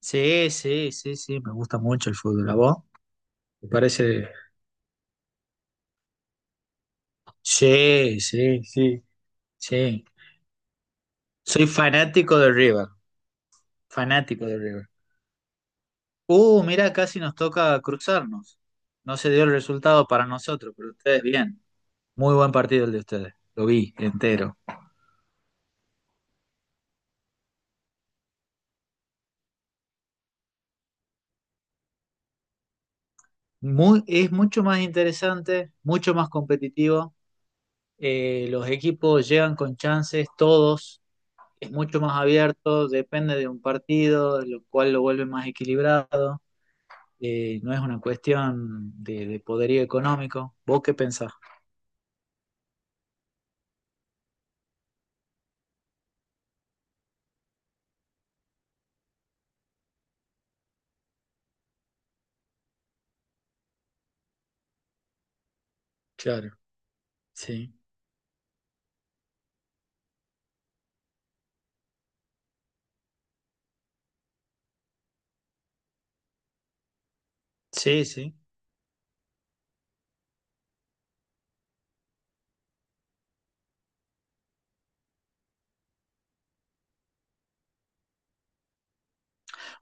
Sí, sí, sí, sí, me gusta mucho el fútbol. ¿A vos? ¿Te parece? Sí, sí, sí, sí. Soy fanático de River, fanático de River. Mirá, casi nos toca cruzarnos. No se dio el resultado para nosotros, pero ustedes bien. Muy buen partido el de ustedes, lo vi entero. Muy, es mucho más interesante, mucho más competitivo. Los equipos llegan con chances, todos. Es mucho más abierto, depende de un partido, lo cual lo vuelve más equilibrado. No es una cuestión de poderío económico. ¿Vos qué pensás? Claro, sí. Sí, sí.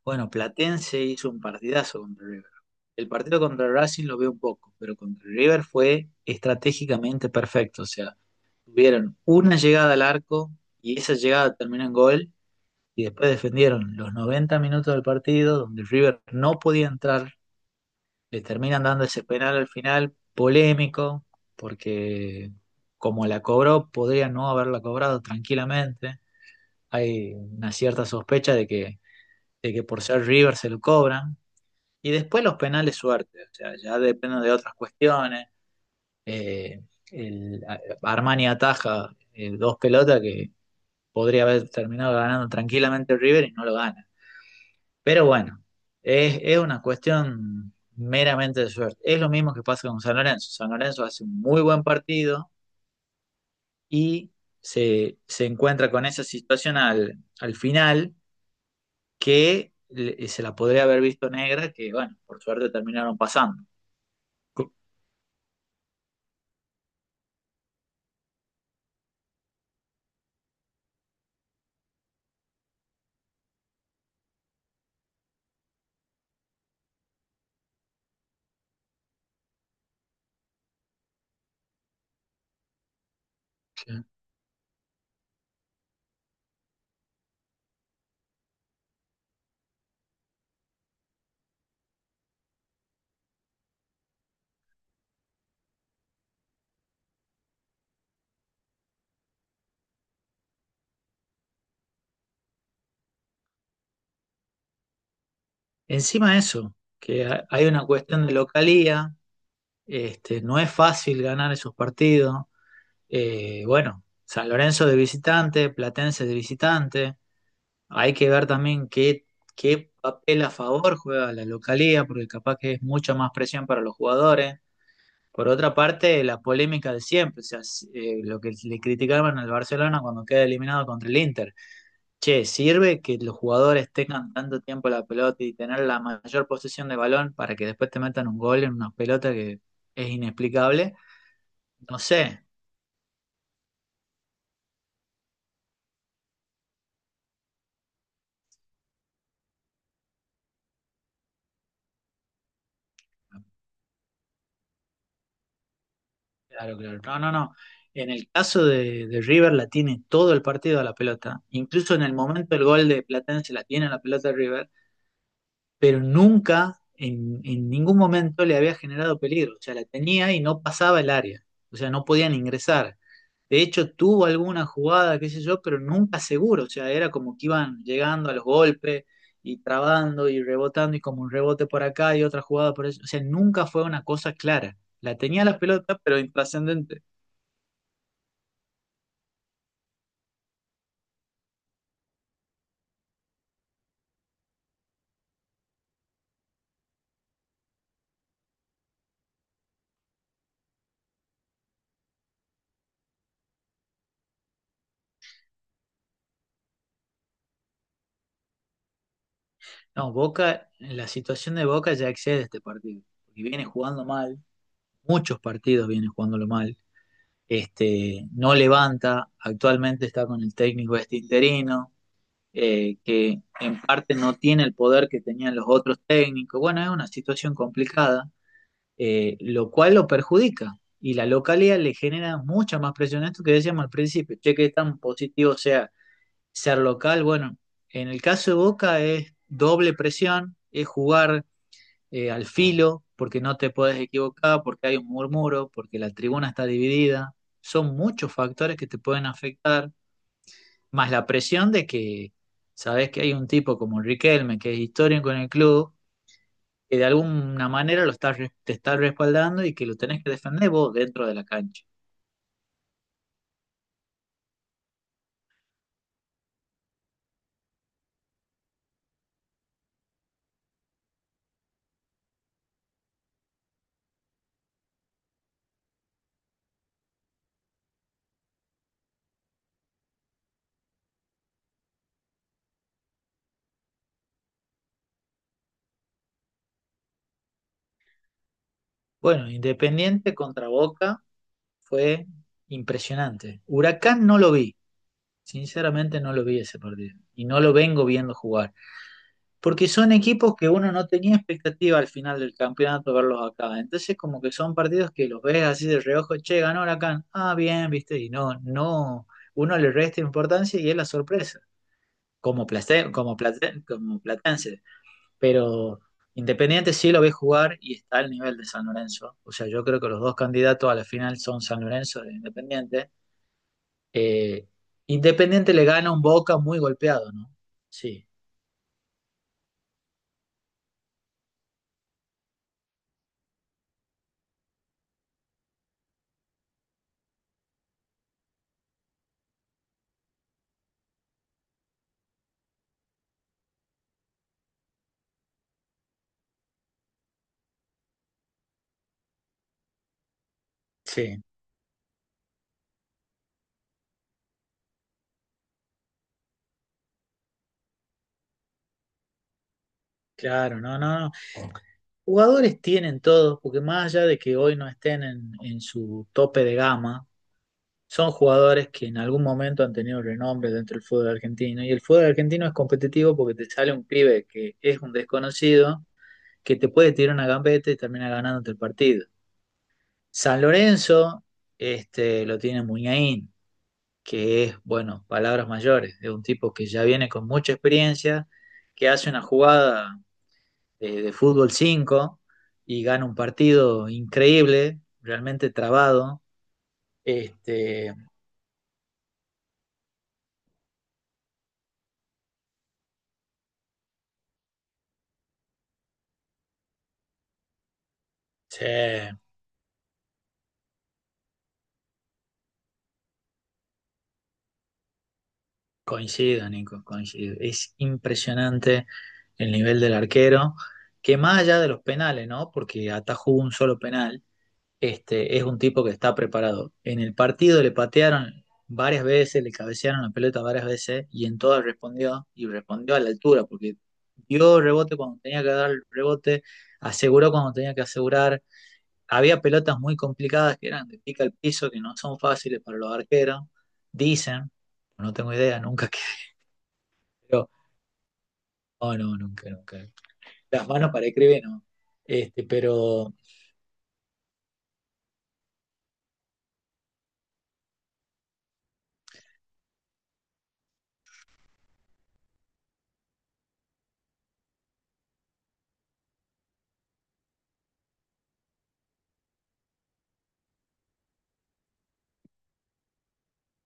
Bueno, Platense hizo un partidazo contra River. El partido contra Racing lo veo un poco, pero contra River fue estratégicamente perfecto. O sea, tuvieron una llegada al arco y esa llegada terminó en gol y después defendieron los 90 minutos del partido donde River no podía entrar, le terminan dando ese penal al final, polémico, porque como la cobró, podría no haberla cobrado tranquilamente. Hay una cierta sospecha de que por ser River se lo cobran. Y después los penales suerte, o sea, ya depende de otras cuestiones. Eh, Armani ataja dos pelotas que podría haber terminado ganando tranquilamente River y no lo gana. Pero bueno, es una cuestión meramente de suerte. Es lo mismo que pasa con San Lorenzo. San Lorenzo hace un muy buen partido y se encuentra con esa situación al final que se la podría haber visto negra, que bueno, por suerte terminaron pasando. Ok. Encima de eso, que hay una cuestión de localía, este, no es fácil ganar esos partidos. Bueno, San Lorenzo de visitante, Platense de visitante. Hay que ver también qué papel a favor juega la localía, porque capaz que es mucha más presión para los jugadores. Por otra parte, la polémica de siempre, o sea, lo que le criticaban al Barcelona cuando queda eliminado contra el Inter. Che, ¿sirve que los jugadores tengan tanto tiempo la pelota y tener la mayor posesión de balón para que después te metan un gol en una pelota que es inexplicable? No sé. Claro, claro. No, no, no. En el caso de River la tiene todo el partido a la pelota. Incluso en el momento del gol de Platense la tiene a la pelota River, pero nunca, en ningún momento le había generado peligro. O sea, la tenía y no pasaba el área. O sea, no podían ingresar. De hecho, tuvo alguna jugada, qué sé yo, pero nunca seguro. O sea, era como que iban llegando a los golpes y trabando y rebotando y como un rebote por acá y otra jugada por eso. O sea, nunca fue una cosa clara. La tenía la pelota, pero intrascendente. No, Boca, la situación de Boca ya excede este partido, porque viene jugando mal, muchos partidos viene jugándolo mal, este, no levanta, actualmente está con el técnico este interino, que en parte no tiene el poder que tenían los otros técnicos, bueno, es una situación complicada, lo cual lo perjudica, y la localidad le genera mucha más presión, esto que decíamos al principio, che, que tan positivo sea ser local, bueno, en el caso de Boca es doble presión, es jugar al filo, porque no te puedes equivocar, porque hay un murmuro, porque la tribuna está dividida. Son muchos factores que te pueden afectar, más la presión de que sabes que hay un tipo como Riquelme, que es histórico en el club, que de alguna manera lo te está respaldando y que lo tenés que defender vos dentro de la cancha. Bueno, Independiente contra Boca fue impresionante. Huracán no lo vi, sinceramente no lo vi ese partido y no lo vengo viendo jugar. Porque son equipos que uno no tenía expectativa al final del campeonato verlos acá. Entonces como que son partidos que los ves así de reojo, che, ganó Huracán, ah, bien, viste, y no, uno le resta importancia y es la sorpresa, como platense. Pero Independiente sí lo ve jugar y está al nivel de San Lorenzo. O sea, yo creo que los dos candidatos a la final son San Lorenzo e Independiente. Eh, Independiente le gana un Boca muy golpeado, ¿no? Sí, sí, claro, no, no, no. Jugadores tienen todos, porque más allá de que hoy no estén en su tope de gama, son jugadores que en algún momento han tenido renombre dentro del fútbol argentino. Y el fútbol argentino es competitivo porque te sale un pibe que es un desconocido, que te puede tirar una gambeta y termina ganándote el partido. San Lorenzo este, lo tiene Muñain, que es, bueno, palabras mayores, es un tipo que ya viene con mucha experiencia, que hace una jugada de fútbol 5 y gana un partido increíble, realmente trabado. Este, sí, coincido, Nico, coincido. Es impresionante el nivel del arquero, que más allá de los penales, ¿no? Porque atajó un solo penal. Este, es un tipo que está preparado. En el partido le patearon varias veces, le cabecearon la pelota varias veces y en todas respondió y respondió a la altura porque dio rebote cuando tenía que dar el rebote, aseguró cuando tenía que asegurar. Había pelotas muy complicadas que eran de pica al piso, que no son fáciles para los arqueros. Dicen, no tengo idea, nunca que... pero- no, no, nunca, nunca. Las manos para escribir, no. Este, pero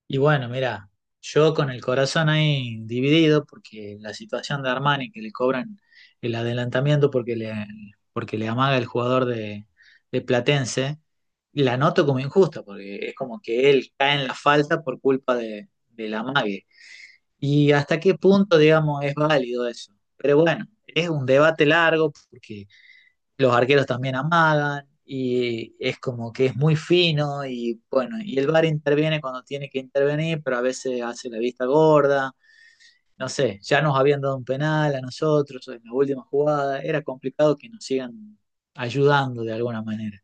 y bueno, mira, yo con el corazón ahí dividido, porque la situación de Armani, que le cobran el adelantamiento porque le amaga el jugador de Platense, la noto como injusta, porque es como que él cae en la falta por culpa del amague. Y hasta qué punto, digamos, es válido eso. Pero bueno, es un debate largo, porque los arqueros también amagan y es como que es muy fino y bueno, y el VAR interviene cuando tiene que intervenir, pero a veces hace la vista gorda, no sé, ya nos habían dado un penal a nosotros en la última jugada, era complicado que nos sigan ayudando de alguna manera.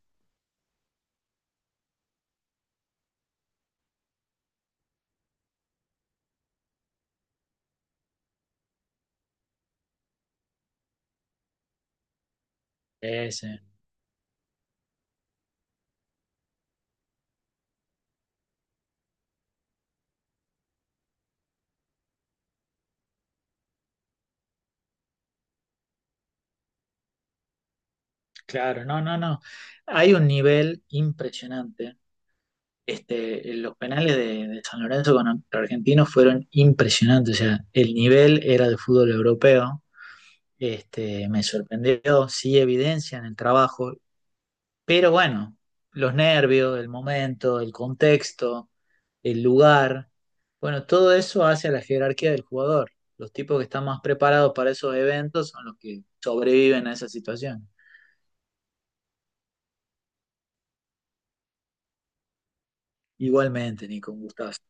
Ese, claro, no, no, no. Hay un nivel impresionante. Este, los penales de San Lorenzo con Argentinos fueron impresionantes. O sea, el nivel era de fútbol europeo. Este, me sorprendió, sí evidencia en el trabajo, pero bueno, los nervios, el momento, el contexto, el lugar, bueno, todo eso hace a la jerarquía del jugador. Los tipos que están más preparados para esos eventos son los que sobreviven a esa situación. Igualmente, Nico, un gustazo.